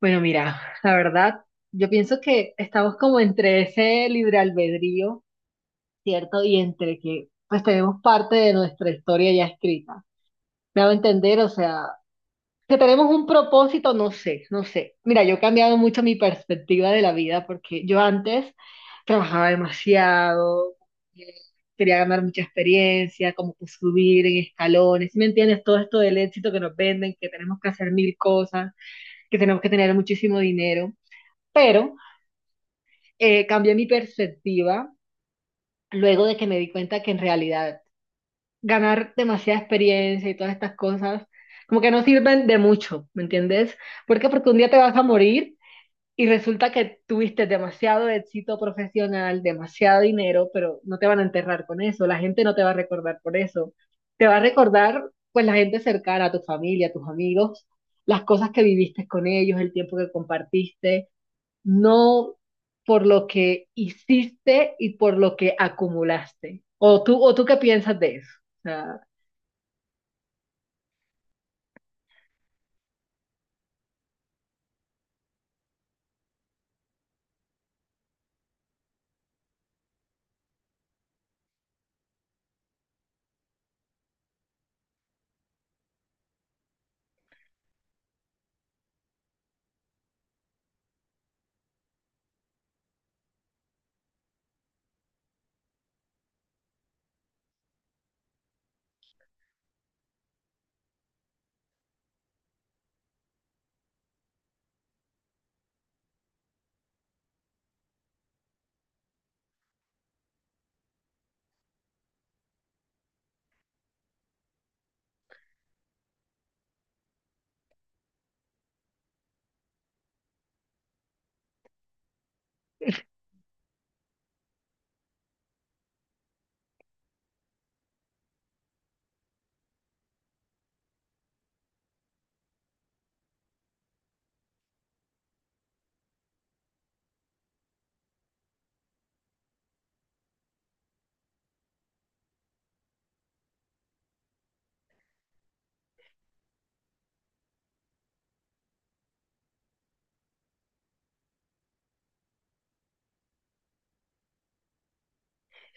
Bueno, mira, la verdad, yo pienso que estamos como entre ese libre albedrío, ¿cierto? Y entre que pues tenemos parte de nuestra historia ya escrita. Me hago entender, o sea, que tenemos un propósito, no sé, no sé. Mira, yo he cambiado mucho mi perspectiva de la vida porque yo antes trabajaba demasiado, eh, quería ganar mucha experiencia, como que subir en escalones, ¿sí, me entiendes? Todo esto del éxito que nos venden, que tenemos que hacer mil cosas, que tenemos que tener muchísimo dinero. Pero cambié mi perspectiva luego de que me di cuenta que en realidad ganar demasiada experiencia y todas estas cosas como que no sirven de mucho, ¿me entiendes? ¿Por qué? Porque un día te vas a morir y resulta que tuviste demasiado éxito profesional, demasiado dinero, pero no te van a enterrar con eso, la gente no te va a recordar por eso, te va a recordar pues la gente cercana, tu familia, tus amigos, las cosas que viviste con ellos, el tiempo que compartiste no por lo que hiciste y por lo que acumulaste. O tú qué piensas de eso? O sea,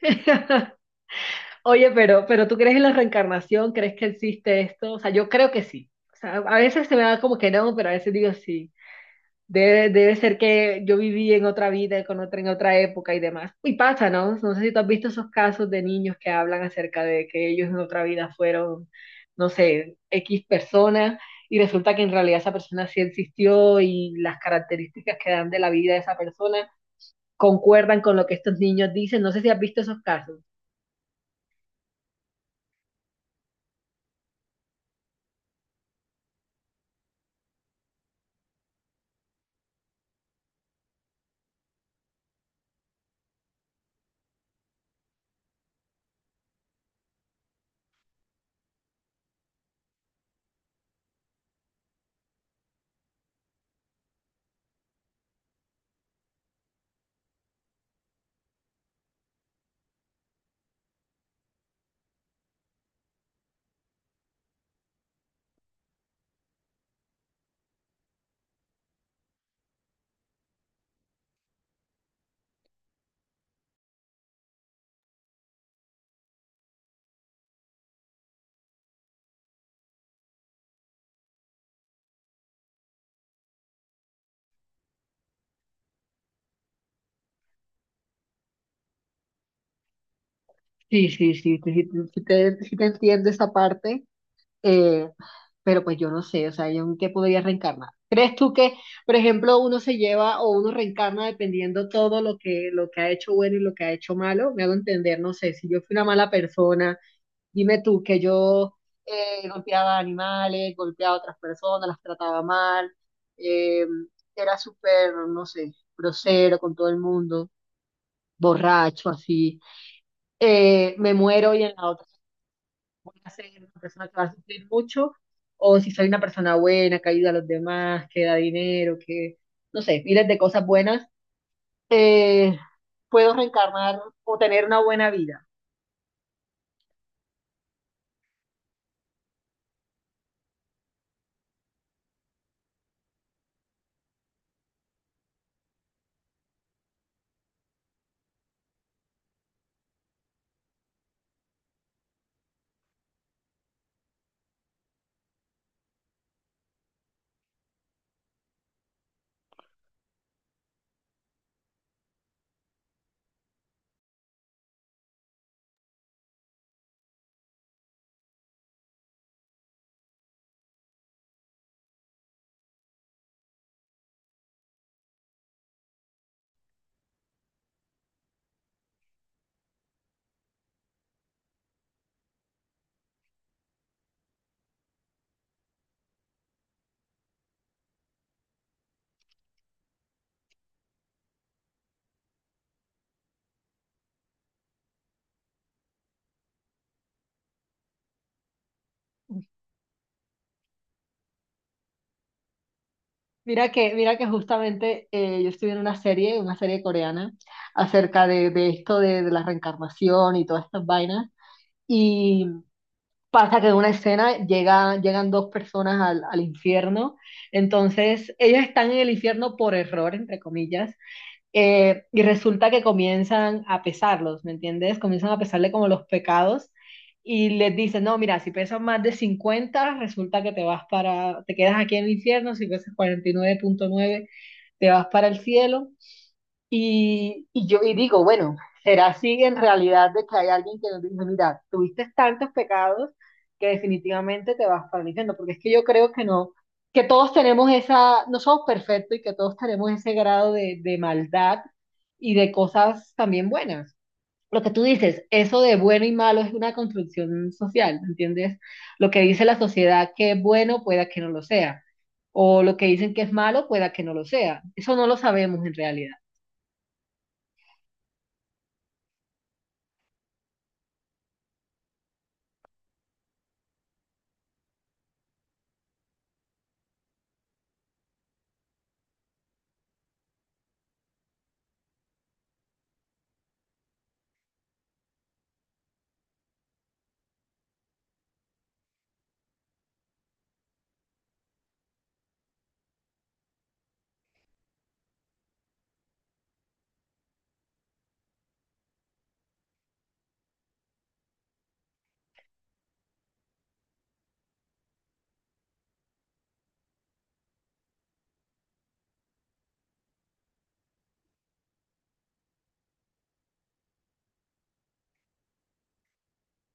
Oye, pero, ¿pero tú crees en la reencarnación? ¿Crees que existe esto? O sea, yo creo que sí. O sea, a veces se me da como que no, pero a veces digo sí. Debe ser que yo viví en otra vida, con otra, en otra época y demás. Y pasa, ¿no? No sé si tú has visto esos casos de niños que hablan acerca de que ellos en otra vida fueron, no sé, X persona y resulta que en realidad esa persona sí existió y las características que dan de la vida de esa persona concuerdan con lo que estos niños dicen. No sé si has visto esos casos. Sí, sí, sí, sí, sí, sí te entiendo esa parte. Eh, pero pues yo no sé, o sea, ¿yo en qué podría reencarnar? ¿Crees tú que, por ejemplo, uno se lleva o uno reencarna dependiendo todo lo que ha hecho bueno y lo que ha hecho malo? Me hago entender, no sé, si yo fui una mala persona, dime tú que yo golpeaba animales, golpeaba a otras personas, las trataba mal, eh, era súper, no sé, grosero con todo el mundo, borracho así, me muero y en la otra voy a ser una persona que va a sufrir mucho, o si soy una persona buena, que ayuda a los demás, que da dinero, que, no sé, miles de cosas buenas, eh, puedo reencarnar o tener una buena vida. Mira que justamente yo estuve en una serie coreana, acerca de esto de la reencarnación y todas estas vainas, y pasa que en una escena llegan dos personas al, al infierno, entonces ellas están en el infierno por error, entre comillas. Y resulta que comienzan a pesarlos, ¿me entiendes? Comienzan a pesarle como los pecados y les dicen, no, mira, si pesas más de 50 resulta que te vas para, te quedas aquí en el infierno, si pesas 49,9 te vas para el cielo. Y yo y digo, bueno, ¿será así en realidad de que hay alguien que nos dice, mira, tuviste tantos pecados que definitivamente te vas para el infierno? Porque es que yo creo que no, que todos tenemos esa, no somos perfectos y que todos tenemos ese grado de maldad y de cosas también buenas. Lo que tú dices, eso de bueno y malo es una construcción social, ¿me entiendes? Lo que dice la sociedad que es bueno pueda que no lo sea, o lo que dicen que es malo pueda que no lo sea. Eso no lo sabemos en realidad.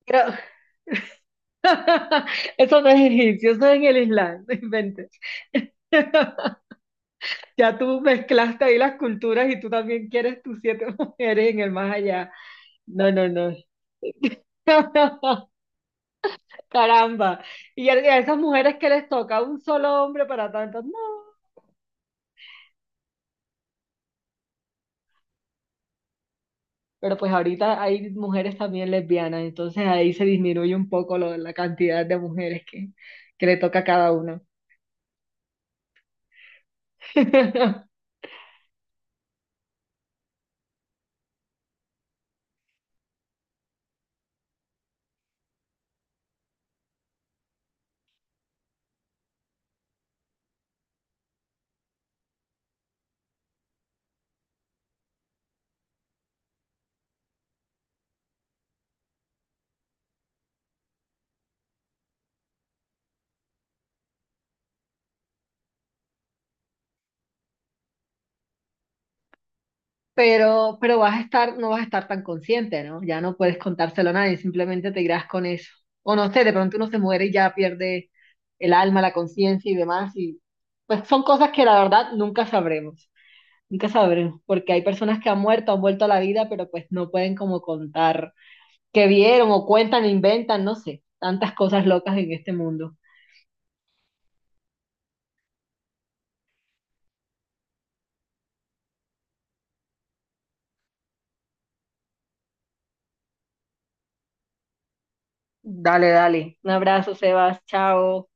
Creo, eso no es egipcio, eso es en el Islam, no inventes. Ya tú mezclaste ahí las culturas y tú también quieres tus siete mujeres en el más allá. No, no, no. Caramba. Y a esas mujeres que les toca un solo hombre para tantas, no. Pero pues ahorita hay mujeres también lesbianas, entonces ahí se disminuye un poco la cantidad de mujeres que le toca a cada uno. Pero vas a estar, no vas a estar tan consciente, ¿no? Ya no puedes contárselo a nadie, simplemente te irás con eso. O no sé, de pronto uno se muere y ya pierde el alma, la conciencia y demás, y pues son cosas que la verdad nunca sabremos, nunca sabremos, porque hay personas que han muerto, han vuelto a la vida, pero pues no pueden como contar qué vieron o cuentan, inventan, no sé, tantas cosas locas en este mundo. Dale, dale. Un abrazo, Sebas. Chao.